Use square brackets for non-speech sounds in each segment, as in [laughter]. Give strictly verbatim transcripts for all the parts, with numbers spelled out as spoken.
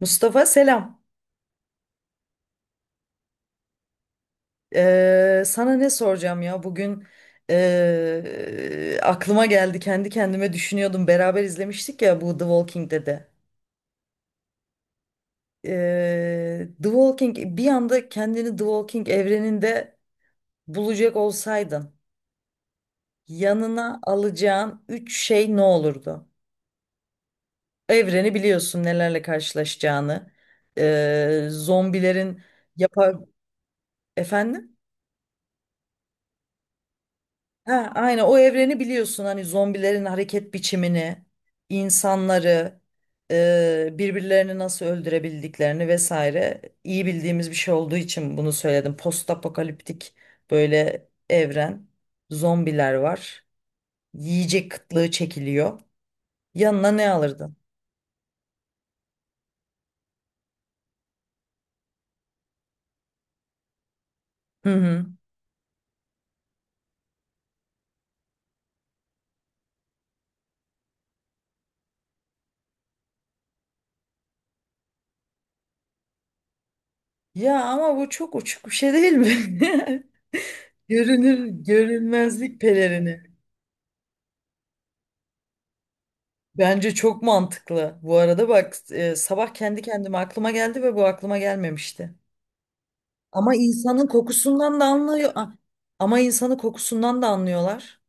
Mustafa, selam. Ee, sana ne soracağım ya, bugün ee, aklıma geldi, kendi kendime düşünüyordum. Beraber izlemiştik ya bu The Walking Dead'i. Ee, The Walking, bir anda kendini The Walking evreninde bulacak olsaydın yanına alacağın üç şey ne olurdu? Evreni biliyorsun, nelerle karşılaşacağını, ee, zombilerin yapar efendim. Ha, aynen, o evreni biliyorsun, hani zombilerin hareket biçimini, insanları, e, birbirlerini nasıl öldürebildiklerini vesaire, iyi bildiğimiz bir şey olduğu için bunu söyledim. Post apokaliptik böyle evren, zombiler var, yiyecek kıtlığı çekiliyor. Yanına ne alırdın? Hı hı. Ya ama bu çok uçuk bir şey değil mi? [laughs] Görünür görünmezlik pelerini. Bence çok mantıklı. Bu arada bak, e, sabah kendi kendime aklıma geldi ve bu aklıma gelmemişti. Ama insanın kokusundan da anlıyor. a- Ama insanın kokusundan da anlıyorlar.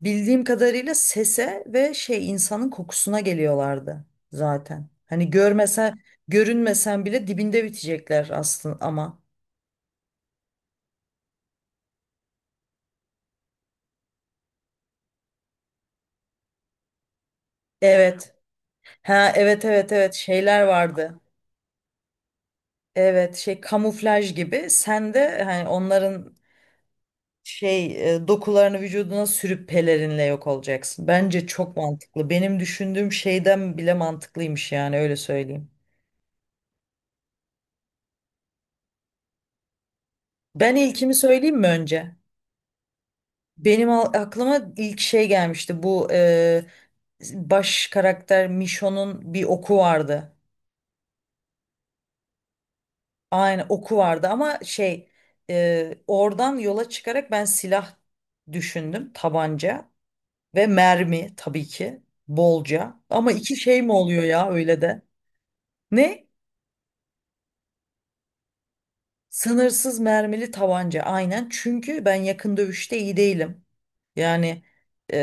Bildiğim kadarıyla sese ve şey insanın kokusuna geliyorlardı zaten. Hani görmesen, görünmesen bile dibinde bitecekler aslında ama. Evet. Ha, evet, evet, evet, şeyler vardı. Evet, şey kamuflaj gibi. Sen de hani onların şey e, dokularını vücuduna sürüp pelerinle yok olacaksın. Bence çok mantıklı. Benim düşündüğüm şeyden bile mantıklıymış, yani öyle söyleyeyim. Ben ilkimi söyleyeyim mi önce? Benim al- aklıma ilk şey gelmişti. Bu e, baş karakter Mişon'un bir oku vardı. Aynen, oku vardı ama şey e, oradan yola çıkarak ben silah düşündüm. Tabanca ve mermi, tabii ki bolca. Ama iki şey mi oluyor ya öyle de? Ne? Sınırsız mermili tabanca, aynen, çünkü ben yakın dövüşte iyi değilim. Yani e,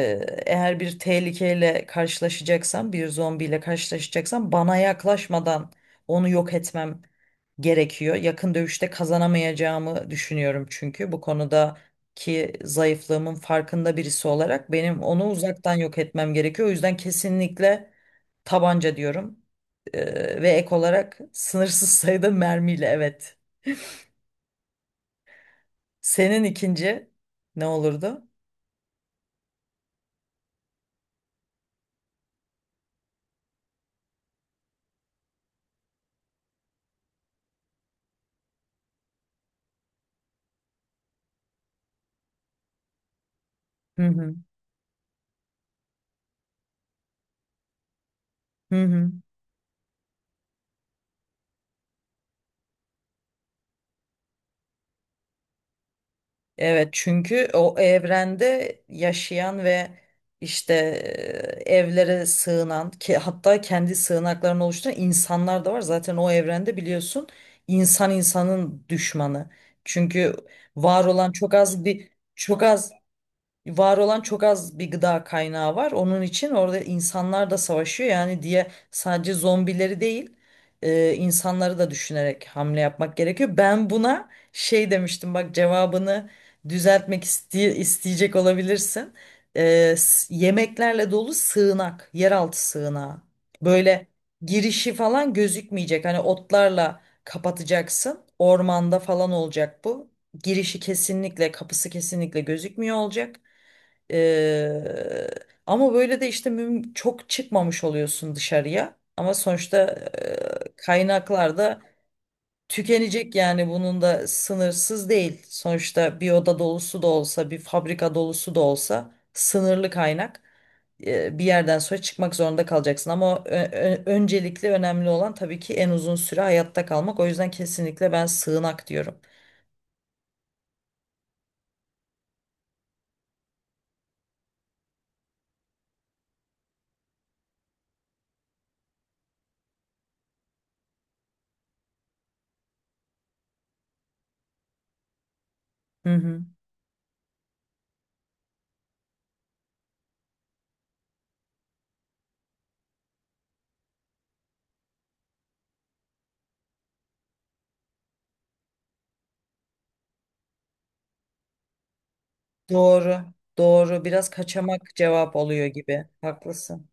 eğer bir tehlikeyle karşılaşacaksam, bir zombiyle karşılaşacaksam, bana yaklaşmadan onu yok etmem gerekiyor. Yakın dövüşte kazanamayacağımı düşünüyorum, çünkü bu konudaki zayıflığımın farkında birisi olarak benim onu uzaktan yok etmem gerekiyor. O yüzden kesinlikle tabanca diyorum. E, ve ek olarak sınırsız sayıda mermiyle, evet. Senin ikinci ne olurdu? Hı hı. Hı hı. Evet, çünkü o evrende yaşayan ve işte e, evlere sığınan, ki hatta kendi sığınaklarını oluşturan insanlar da var. Zaten o evrende biliyorsun, insan insanın düşmanı. Çünkü var olan çok az bir çok az var olan çok az bir gıda kaynağı var. Onun için orada insanlar da savaşıyor. Yani diye sadece zombileri değil, e, insanları da düşünerek hamle yapmak gerekiyor. Ben buna şey demiştim bak, cevabını düzeltmek iste- isteyecek olabilirsin. E, s- yemeklerle dolu sığınak, yeraltı sığınağı. Böyle girişi falan gözükmeyecek. Hani otlarla kapatacaksın. Ormanda falan olacak bu. Girişi kesinlikle, kapısı kesinlikle gözükmüyor olacak. Eee, Ama böyle de işte müm- çok çıkmamış oluyorsun dışarıya. Ama sonuçta eee, kaynaklar da tükenecek, yani bunun da sınırsız değil. Sonuçta bir oda dolusu da olsa, bir fabrika dolusu da olsa sınırlı kaynak. Eee, bir yerden sonra çıkmak zorunda kalacaksın. Ama ö- ö- öncelikli önemli olan tabii ki en uzun süre hayatta kalmak. O yüzden kesinlikle ben sığınak diyorum. Hı hı. Doğru, doğru. Biraz kaçamak cevap oluyor gibi. Haklısın.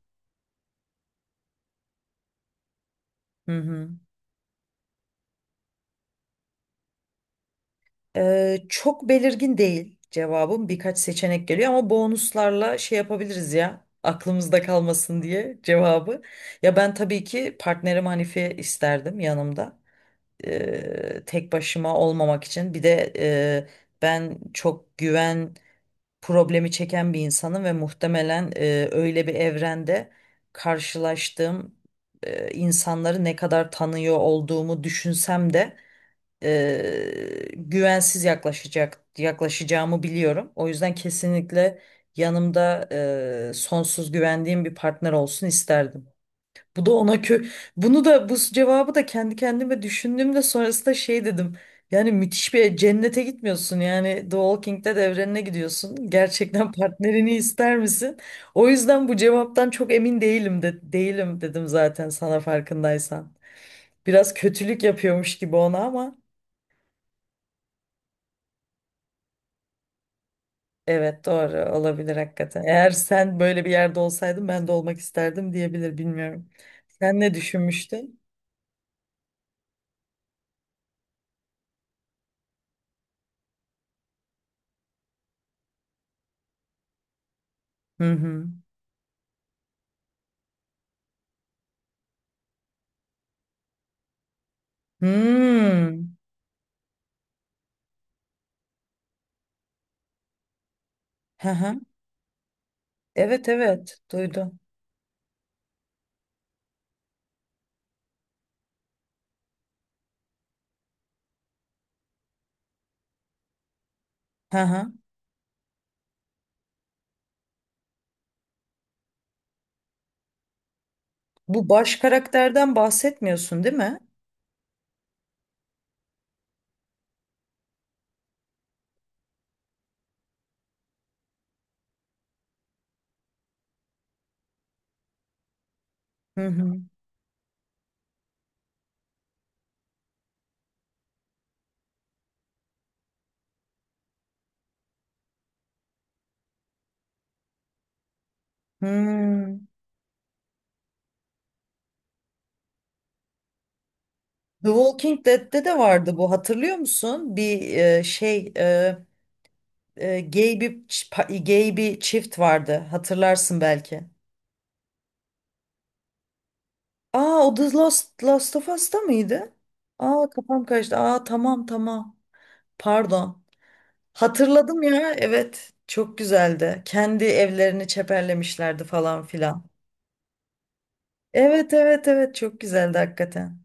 Hı hı. Ee, çok belirgin değil cevabım. Birkaç seçenek geliyor ama bonuslarla şey yapabiliriz ya. Aklımızda kalmasın diye cevabı. Ya ben tabii ki partnerim Hanife isterdim yanımda. Ee, tek başıma olmamak için. Bir de e, ben çok güven problemi çeken bir insanım ve muhtemelen e, öyle bir evrende karşılaştığım e, insanları ne kadar tanıyor olduğumu düşünsem de e, güvensiz yaklaşacak yaklaşacağımı biliyorum. O yüzden kesinlikle yanımda e, sonsuz güvendiğim bir partner olsun isterdim. Bu da ona kö Bunu da bu cevabı da kendi kendime düşündüğümde sonrasında şey dedim. Yani müthiş bir cennete gitmiyorsun. Yani The Walking Dead evrenine gidiyorsun. Gerçekten [laughs] partnerini ister misin? O yüzden bu cevaptan çok emin değilim, de değilim dedim zaten, sana farkındaysan. Biraz kötülük yapıyormuş gibi ona ama. Evet, doğru olabilir hakikaten. Eğer sen böyle bir yerde olsaydın ben de olmak isterdim diyebilir, bilmiyorum. Sen ne düşünmüştün? Hı hı. Hmm. Hı hı. Evet, evet, duydum. Hı hı. Bu baş karakterden bahsetmiyorsun değil mi? Hı hı. Hmm. The Walking Dead'te de vardı bu, hatırlıyor musun? Bir e, şey e, e, gay bir ç- pa- gay bir çift vardı, hatırlarsın belki. Aa, o The Last, Last of Us'ta mıydı? Aa, kafam karıştı. Aa, tamam, tamam. Pardon. Hatırladım ya. Evet. Çok güzeldi. Kendi evlerini çeperlemişlerdi falan filan. Evet, evet, evet, çok güzeldi hakikaten.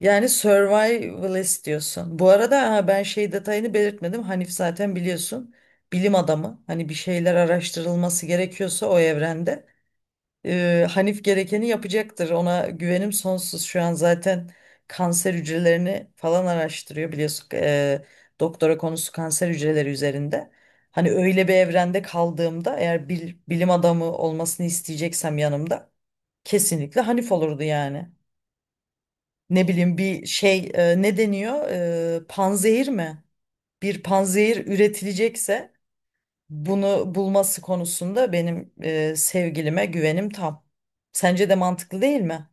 Yani survivalist diyorsun. Bu arada ha, ben şey detayını belirtmedim. Hanif zaten biliyorsun. Bilim adamı. Hani bir şeyler araştırılması gerekiyorsa o evrende. Ee, Hanif gerekeni yapacaktır. Ona güvenim sonsuz. Şu an zaten kanser hücrelerini falan araştırıyor biliyorsun. E, doktora konusu kanser hücreleri üzerinde. Hani öyle bir evrende kaldığımda eğer bil- bilim adamı olmasını isteyeceksem yanımda kesinlikle Hanif olurdu yani. Ne bileyim bir şey, e, ne deniyor? E, panzehir mi? Bir panzehir üretilecekse bunu bulması konusunda benim e, sevgilime güvenim tam. Sence de mantıklı değil mi?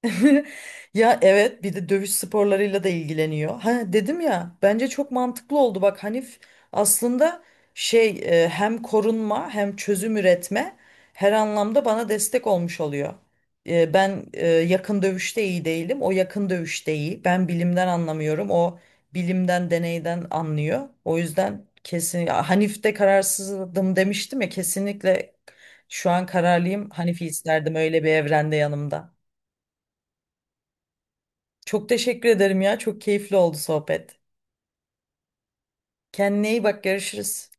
[laughs] Ya evet, bir de dövüş sporlarıyla da ilgileniyor. Ha dedim ya, bence çok mantıklı oldu. Bak Hanif aslında şey e, hem korunma hem çözüm üretme, her anlamda bana destek olmuş oluyor. E, Ben e, yakın dövüşte iyi değilim. O yakın dövüşte iyi. Ben bilimden anlamıyorum. O bilimden deneyden anlıyor. O yüzden kesin ya, Hanif'te kararsızdım demiştim ya, kesinlikle şu an kararlıyım. Hanif'i isterdim öyle bir evrende yanımda. Çok teşekkür ederim ya. Çok keyifli oldu sohbet. Kendine iyi bak. Görüşürüz.